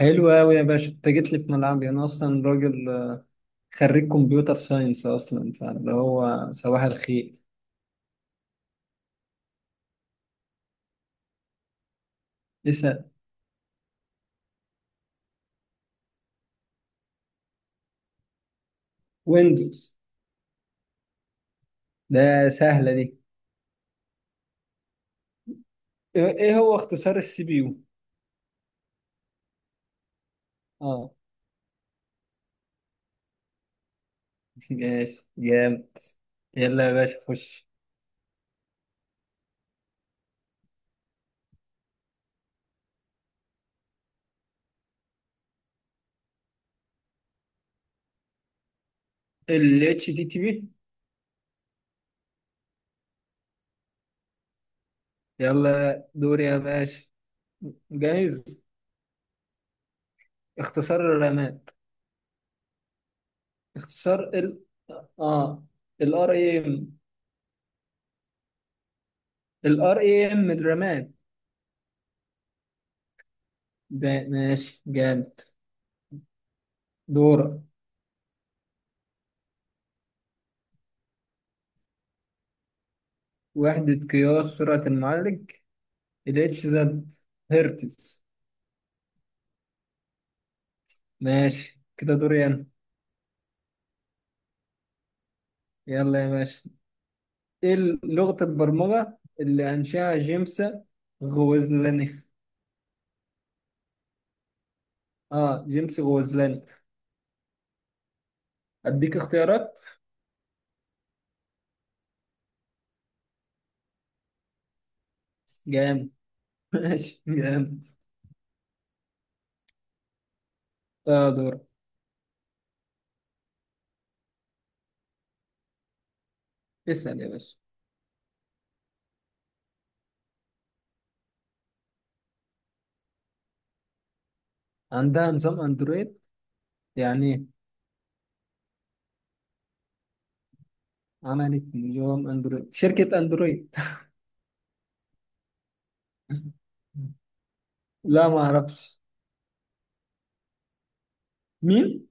حلو قوي يا باشا، انت جيت لي في ملعبي. انا اصلا راجل خريج كمبيوتر ساينس، اصلا فاللي هو صباح الخير. اسال. ويندوز. ده سهله دي. إيه هو اختصار السي بي يو؟ اه، ماشي جامد. يلا يا باشا خش. ال اتش تي تي بي. يلا دوري يا باشا، جاهز. اختصار الرامات. اختصار ال اه الار اي ام. الار اي ام، الرامات. ده ماشي جامد. دورك. وحدة قياس سرعة المعالج ال اتش زد. هرتز. ماشي كده، دوري أنا. يلا يا باشا، إيه لغة البرمجة اللي أنشأها جيمس غوزلانيخ؟ جيمس غوزلانيخ. أديك اختيارات. جامد. ماشي جامد. آه، دور. اسأل يا باشا. عندها نظام أندرويد يعني إيه؟ عملت نظام أندرويد شركة أندرويد. لا، ما أعرفش. مين؟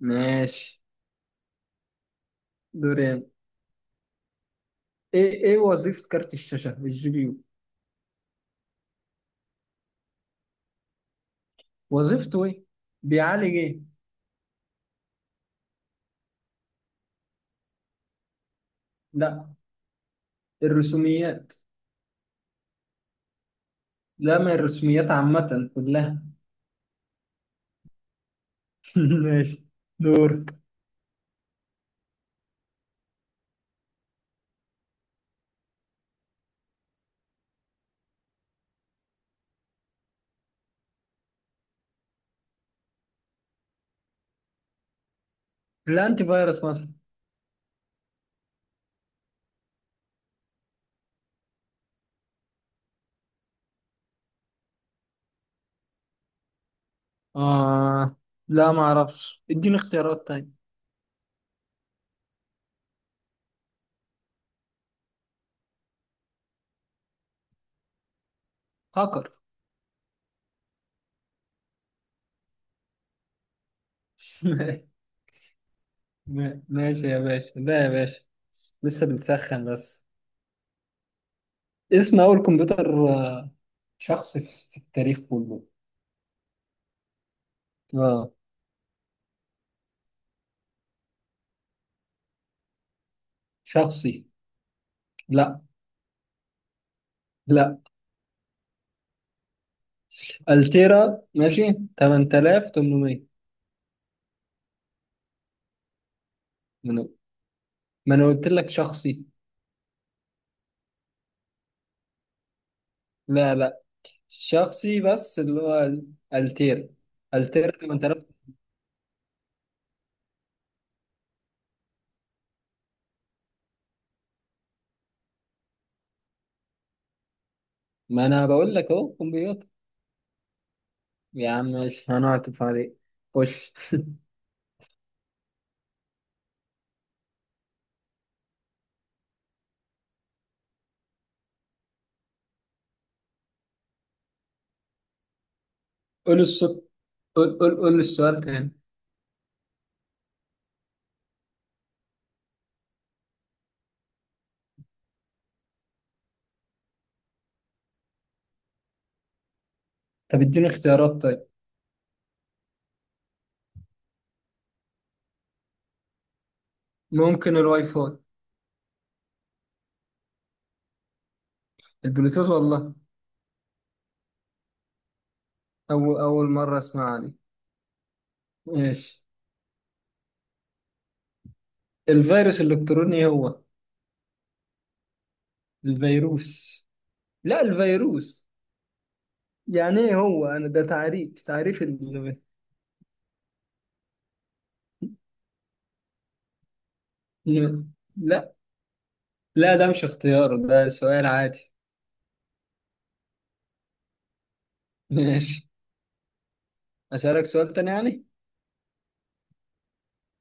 ماشي. دوري أنا. ايه وظيفة كارت الشاشة الجي بي يو؟ وظيفته ايه؟ بيعالج ايه؟ لا. الرسوميات. لا، ما الرسوميات عامة كلها. ماشي. دور. الانتي فيروس مثلا. اه، لا ما اعرفش، اديني اختيارات تاني. هاكر. ماشي يا باشا، ده يا باشا لسه بنسخن بس. اسم اول كمبيوتر شخصي في التاريخ كله. اه. شخصي. لا لا، التيرا. ماشي. 8800. من ما انا ما أنا قلت لك شخصي. لا لا، شخصي بس اللي هو التيرا التيرا 8000. ما انا بقول لك اهو كمبيوتر. يا عم ماشي، هنعطف عليك. خش. قول الصوت. قول السؤال تاني. طب اديني اختيارات طيب. ممكن الواي فاي. البلوتوث والله. أول مرة أسمع دي. ماشي. الفيروس الإلكتروني هو. الفيروس. لا الفيروس. يعني ايه هو؟ انا ده تعريف ال- لا لا، ده مش اختيار، ده سؤال عادي. ماشي. اسالك سؤال تاني يعني.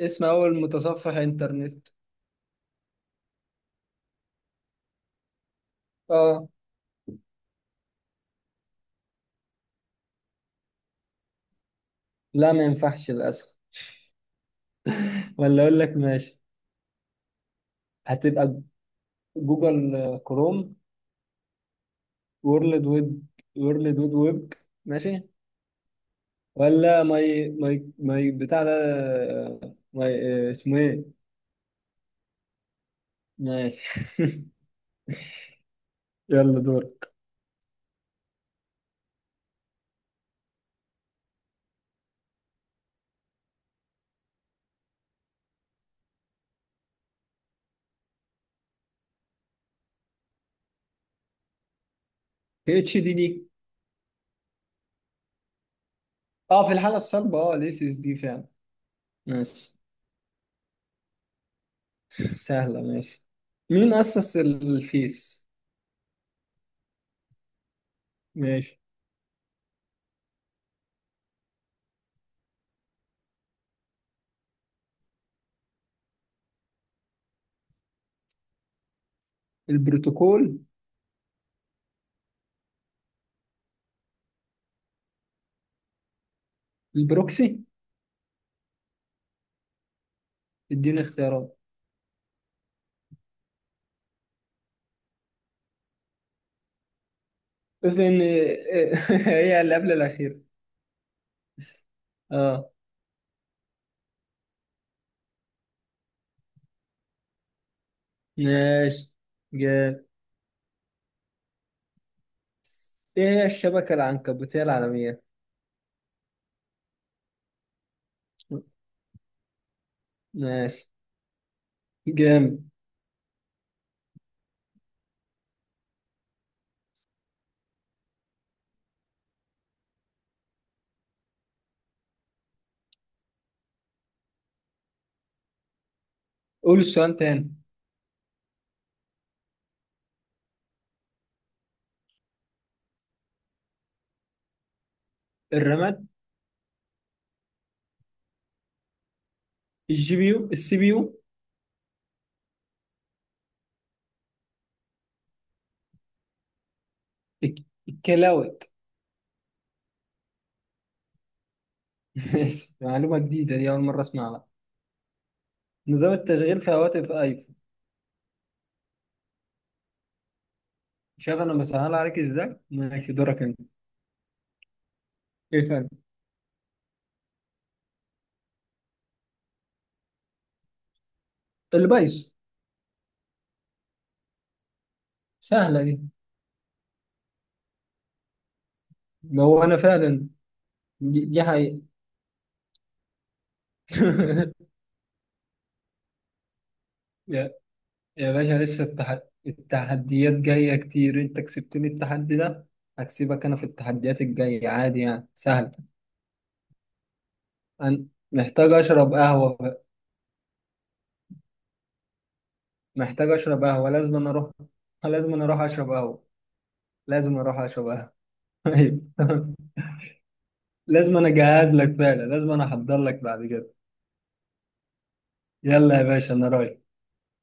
اسم اول متصفح انترنت. اه. لا، ما ينفعش للاسف. ولا اقول لك ماشي. هتبقى جوجل كروم. وورلد ويب. وورلد ويب ويب. ماشي. ولا ماي ماي بتاع ده. ماي اسمه ايه؟ ماشي. يلا دورك. اتش دي دي. اه، في الحاله الصلبه، الاس اس دي فعلا. ماشي. سهلة، ماشي. مين أسس الفيس؟ ماشي. البروتوكول. البروكسي. اديني اختيارات. فين؟ هي اللي قبل الأخيرة. اه. ماشي جامد. ايه هي الشبكة العنكبوتية العالمية؟ ماشي جامد. قول السؤال تاني. الرماد. الجي بي يو، السي بي يو. الكلاود. ماشي، معلومة جديدة دي، أول مرة أسمعها. نظام التشغيل في هواتف ايفون. شوف أنا بسهل عليك ازاي. ماشي دورك انت. ايه تاني؟ البايس. سهلة دي. ما هو انا فعلا، دي حقيقة. يا يا باشا، لسه التحديات جاية كتير. انت كسبتني التحدي ده. هكسبك انا في التحديات الجاية، عادي يعني سهل. انا محتاج اشرب قهوة بقى. محتاج اشرب قهوة، لازم انا اروح. لازم انا اروح اشرب قهوة. لازم اروح اشرب قهوة. ايوه. لازم انا اجهز لك فعلا، لازم انا احضر لك بعد كده. يلا يا باشا، انا رايح.